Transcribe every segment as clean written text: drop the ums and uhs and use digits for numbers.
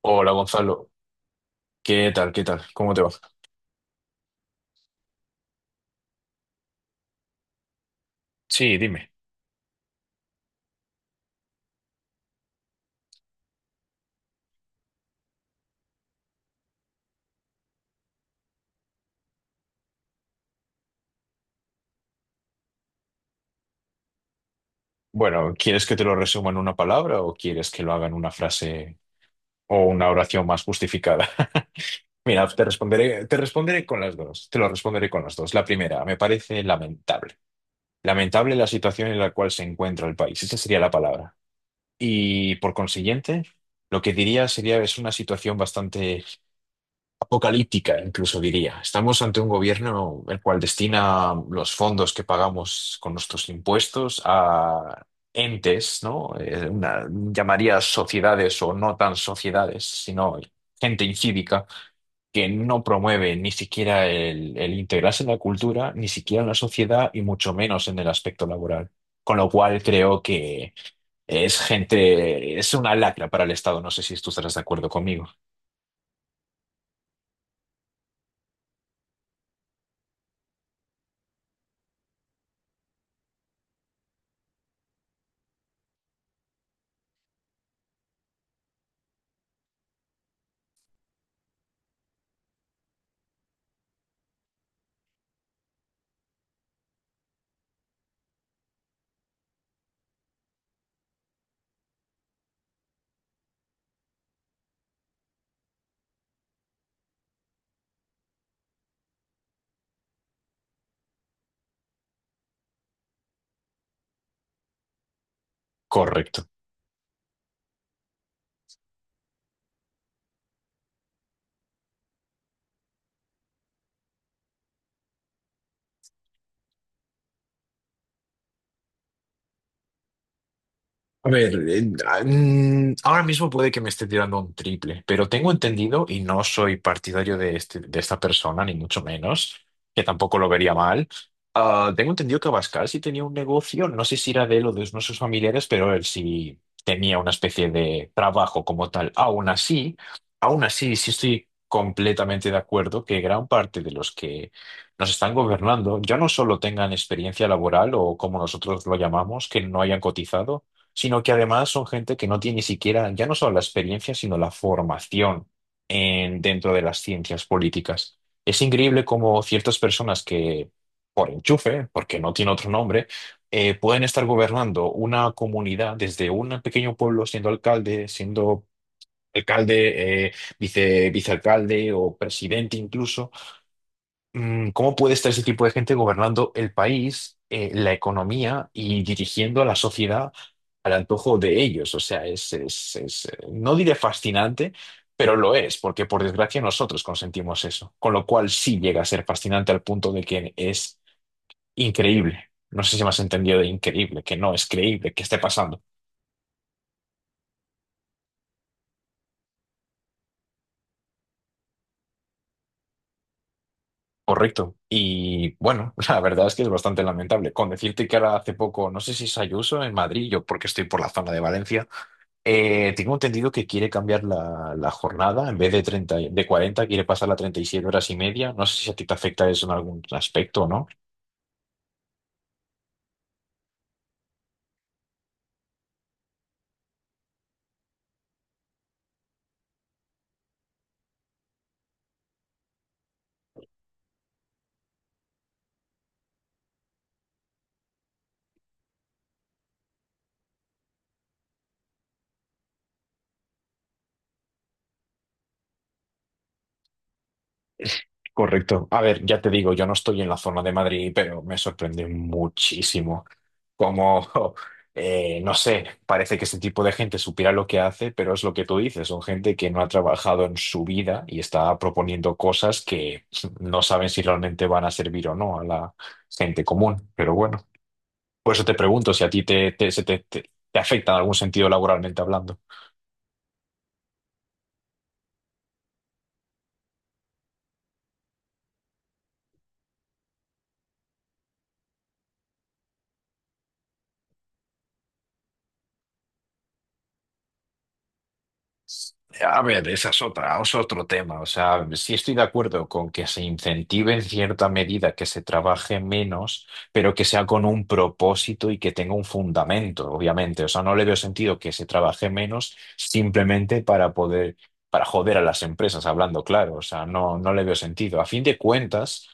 Hola Gonzalo, ¿qué tal? ¿Cómo te va? Sí, dime. Bueno, ¿quieres que te lo resuma en una palabra o quieres que lo haga en una frase o una oración más justificada? Mira, te responderé con las dos, te lo responderé con las dos. La primera, me parece lamentable. Lamentable la situación en la cual se encuentra el país, esa sería la palabra. Y por consiguiente, lo que diría sería es una situación bastante apocalíptica, incluso diría. Estamos ante un gobierno el cual destina los fondos que pagamos con nuestros impuestos a entes, ¿no? Llamaría sociedades o no tan sociedades, sino gente incívica que no promueve ni siquiera el integrarse en la cultura, ni siquiera en la sociedad y mucho menos en el aspecto laboral. Con lo cual creo que es gente, es una lacra para el Estado. No sé si tú estarás de acuerdo conmigo. Correcto. A ver, ahora mismo puede que me esté tirando un triple, pero tengo entendido, y no soy partidario de, de esta persona, ni mucho menos, que tampoco lo vería mal. Tengo entendido que Abascal sí tenía un negocio, no sé si era de él o de uno de sus familiares, pero él sí tenía una especie de trabajo como tal. Aún así, sí estoy completamente de acuerdo que gran parte de los que nos están gobernando ya no solo tengan experiencia laboral o como nosotros lo llamamos, que no hayan cotizado sino que además son gente que no tiene ni siquiera, ya no solo la experiencia, sino la formación en, dentro de las ciencias políticas. Es increíble cómo ciertas personas que, por enchufe, porque no tiene otro nombre, pueden estar gobernando una comunidad desde un pequeño pueblo, siendo alcalde, alcalde, eh, vicealcalde o presidente incluso. ¿Cómo puede estar ese tipo de gente gobernando el país, la economía y dirigiendo a la sociedad al antojo de ellos? O sea, no diré fascinante, pero lo es, porque por desgracia nosotros consentimos eso. Con lo cual sí llega a ser fascinante al punto de que es increíble. No sé si me has entendido de increíble, que no es creíble que esté pasando. Correcto. Y bueno, la verdad es que es bastante lamentable. Con decirte que ahora hace poco, no sé si es Ayuso en Madrid, yo porque estoy por la zona de Valencia. Tengo entendido que quiere cambiar la jornada, en vez de 30, de 40, quiere pasar a 37 horas y media. No sé si a ti te afecta eso en algún aspecto, ¿no? Correcto. A ver, ya te digo, yo no estoy en la zona de Madrid, pero me sorprende muchísimo cómo, no sé, parece que este tipo de gente supiera lo que hace, pero es lo que tú dices, son gente que no ha trabajado en su vida y está proponiendo cosas que no saben si realmente van a servir o no a la gente común, pero bueno. Por eso te pregunto si a ti te, te, se te, te- te afecta en algún sentido laboralmente hablando. A ver, esa es otra, es otro tema. O sea, sí estoy de acuerdo con que se incentive en cierta medida que se trabaje menos, pero que sea con un propósito y que tenga un fundamento, obviamente. O sea, no le veo sentido que se trabaje menos simplemente para poder, para joder a las empresas, hablando claro. O sea, no, no le veo sentido. A fin de cuentas.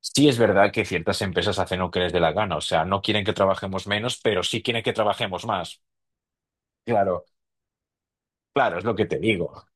Sí, es verdad que ciertas empresas hacen lo que les dé la gana, o sea, no quieren que trabajemos menos, pero sí quieren que trabajemos más. Claro, claro, es lo que te digo.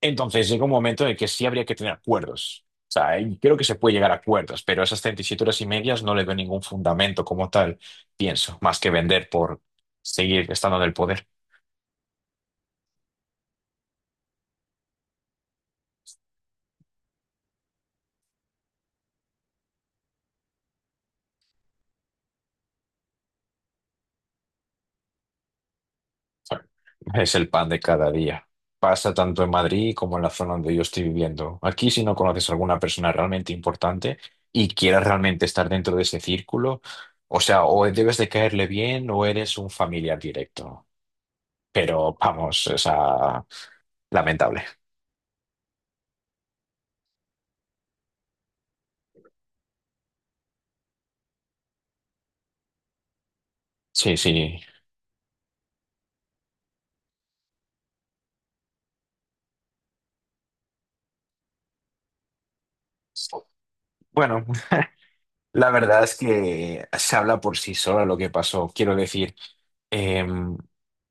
Entonces llega un momento en el que sí habría que tener acuerdos. O sea, y creo que se puede llegar a acuerdos, pero esas 37,5 horas no le veo ningún fundamento como tal, pienso, más que vender por seguir estando en el poder. Es el pan de cada día. Pasa tanto en Madrid como en la zona donde yo estoy viviendo. Aquí, si no conoces a alguna persona realmente importante y quieras realmente estar dentro de ese círculo, o sea, o debes de caerle bien o eres un familiar directo. Pero vamos, o sea, lamentable. Sí, sí. Bueno, la verdad es que se habla por sí sola lo que pasó. Quiero decir, Em,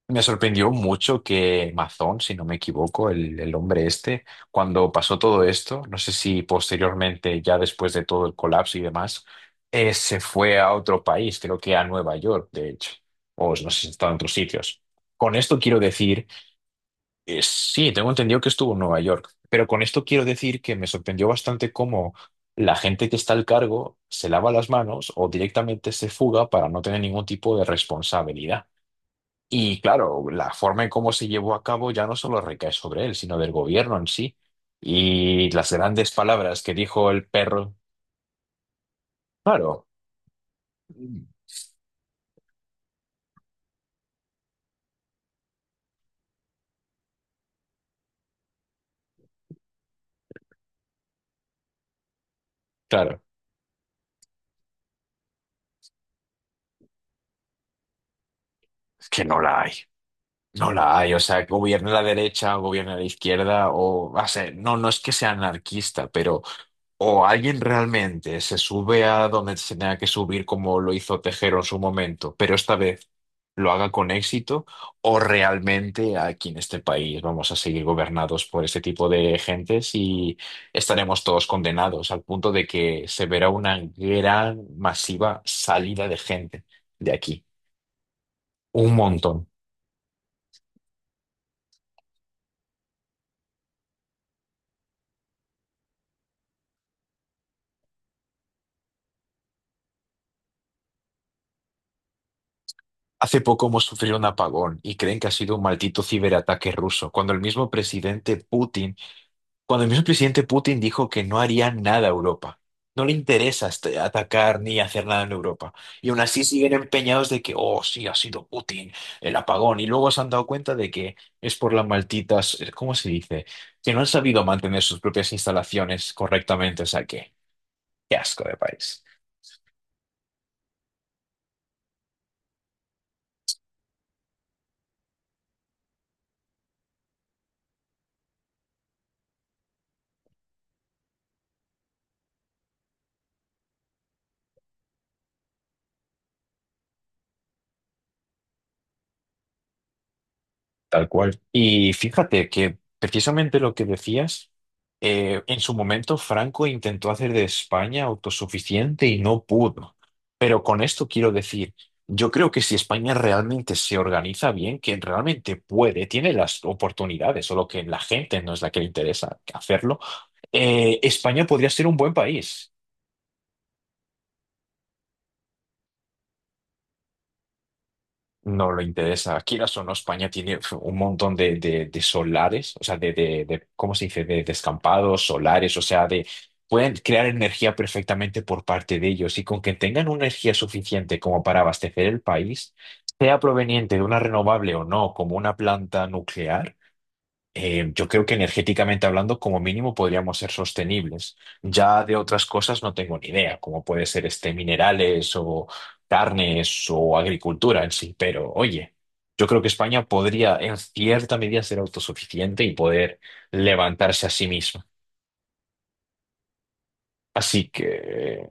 me sorprendió mucho que Mazón, si no me equivoco, el hombre este, cuando pasó todo esto, no sé si posteriormente, ya después de todo el colapso y demás, se fue a otro país, creo que a Nueva York, de hecho, o no sé si está en otros sitios. Con esto quiero decir, sí, tengo entendido que estuvo en Nueva York, pero con esto quiero decir que me sorprendió bastante cómo la gente que está al cargo se lava las manos o directamente se fuga para no tener ningún tipo de responsabilidad. Y claro, la forma en cómo se llevó a cabo ya no solo recae sobre él, sino del gobierno en sí. Y las grandes palabras que dijo el perro, claro, claro, es que no la hay. No la hay, o sea, gobierna la derecha, gobierna la izquierda, o sea, no, no es que sea anarquista, pero o alguien realmente se sube a donde se tenga que subir como lo hizo Tejero en su momento, pero esta vez lo haga con éxito, o realmente aquí en este país vamos a seguir gobernados por este tipo de gentes y estaremos todos condenados al punto de que se verá una gran masiva salida de gente de aquí. Un montón. Hace poco hemos sufrido un apagón y creen que ha sido un maldito ciberataque ruso, Cuando el mismo presidente Putin dijo que no haría nada a Europa. No le interesa atacar ni hacer nada en Europa. Y aún así siguen empeñados de que, oh, sí, ha sido Putin, el apagón. Y luego se han dado cuenta de que es por las malditas, ¿cómo se dice? Que no han sabido mantener sus propias instalaciones correctamente. O sea que, qué asco de país. Tal cual. Y fíjate que precisamente lo que decías, en su momento Franco intentó hacer de España autosuficiente y no pudo. Pero con esto quiero decir, yo creo que si España realmente se organiza bien, que realmente puede, tiene las oportunidades, solo que la gente no es la que le interesa hacerlo, España podría ser un buen país. No le interesa. Quieras o no, España tiene uf, un montón de solares, o sea, ¿cómo se dice? De descampados, solares, o sea, pueden crear energía perfectamente por parte de ellos y con que tengan una energía suficiente como para abastecer el país, sea proveniente de una renovable o no, como una planta nuclear, yo creo que energéticamente hablando, como mínimo, podríamos ser sostenibles. Ya de otras cosas no tengo ni idea, como puede ser minerales o carnes o agricultura en sí, pero oye, yo creo que España podría en cierta medida ser autosuficiente y poder levantarse a sí misma. Así que,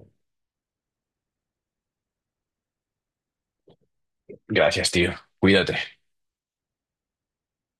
gracias, tío. Cuídate.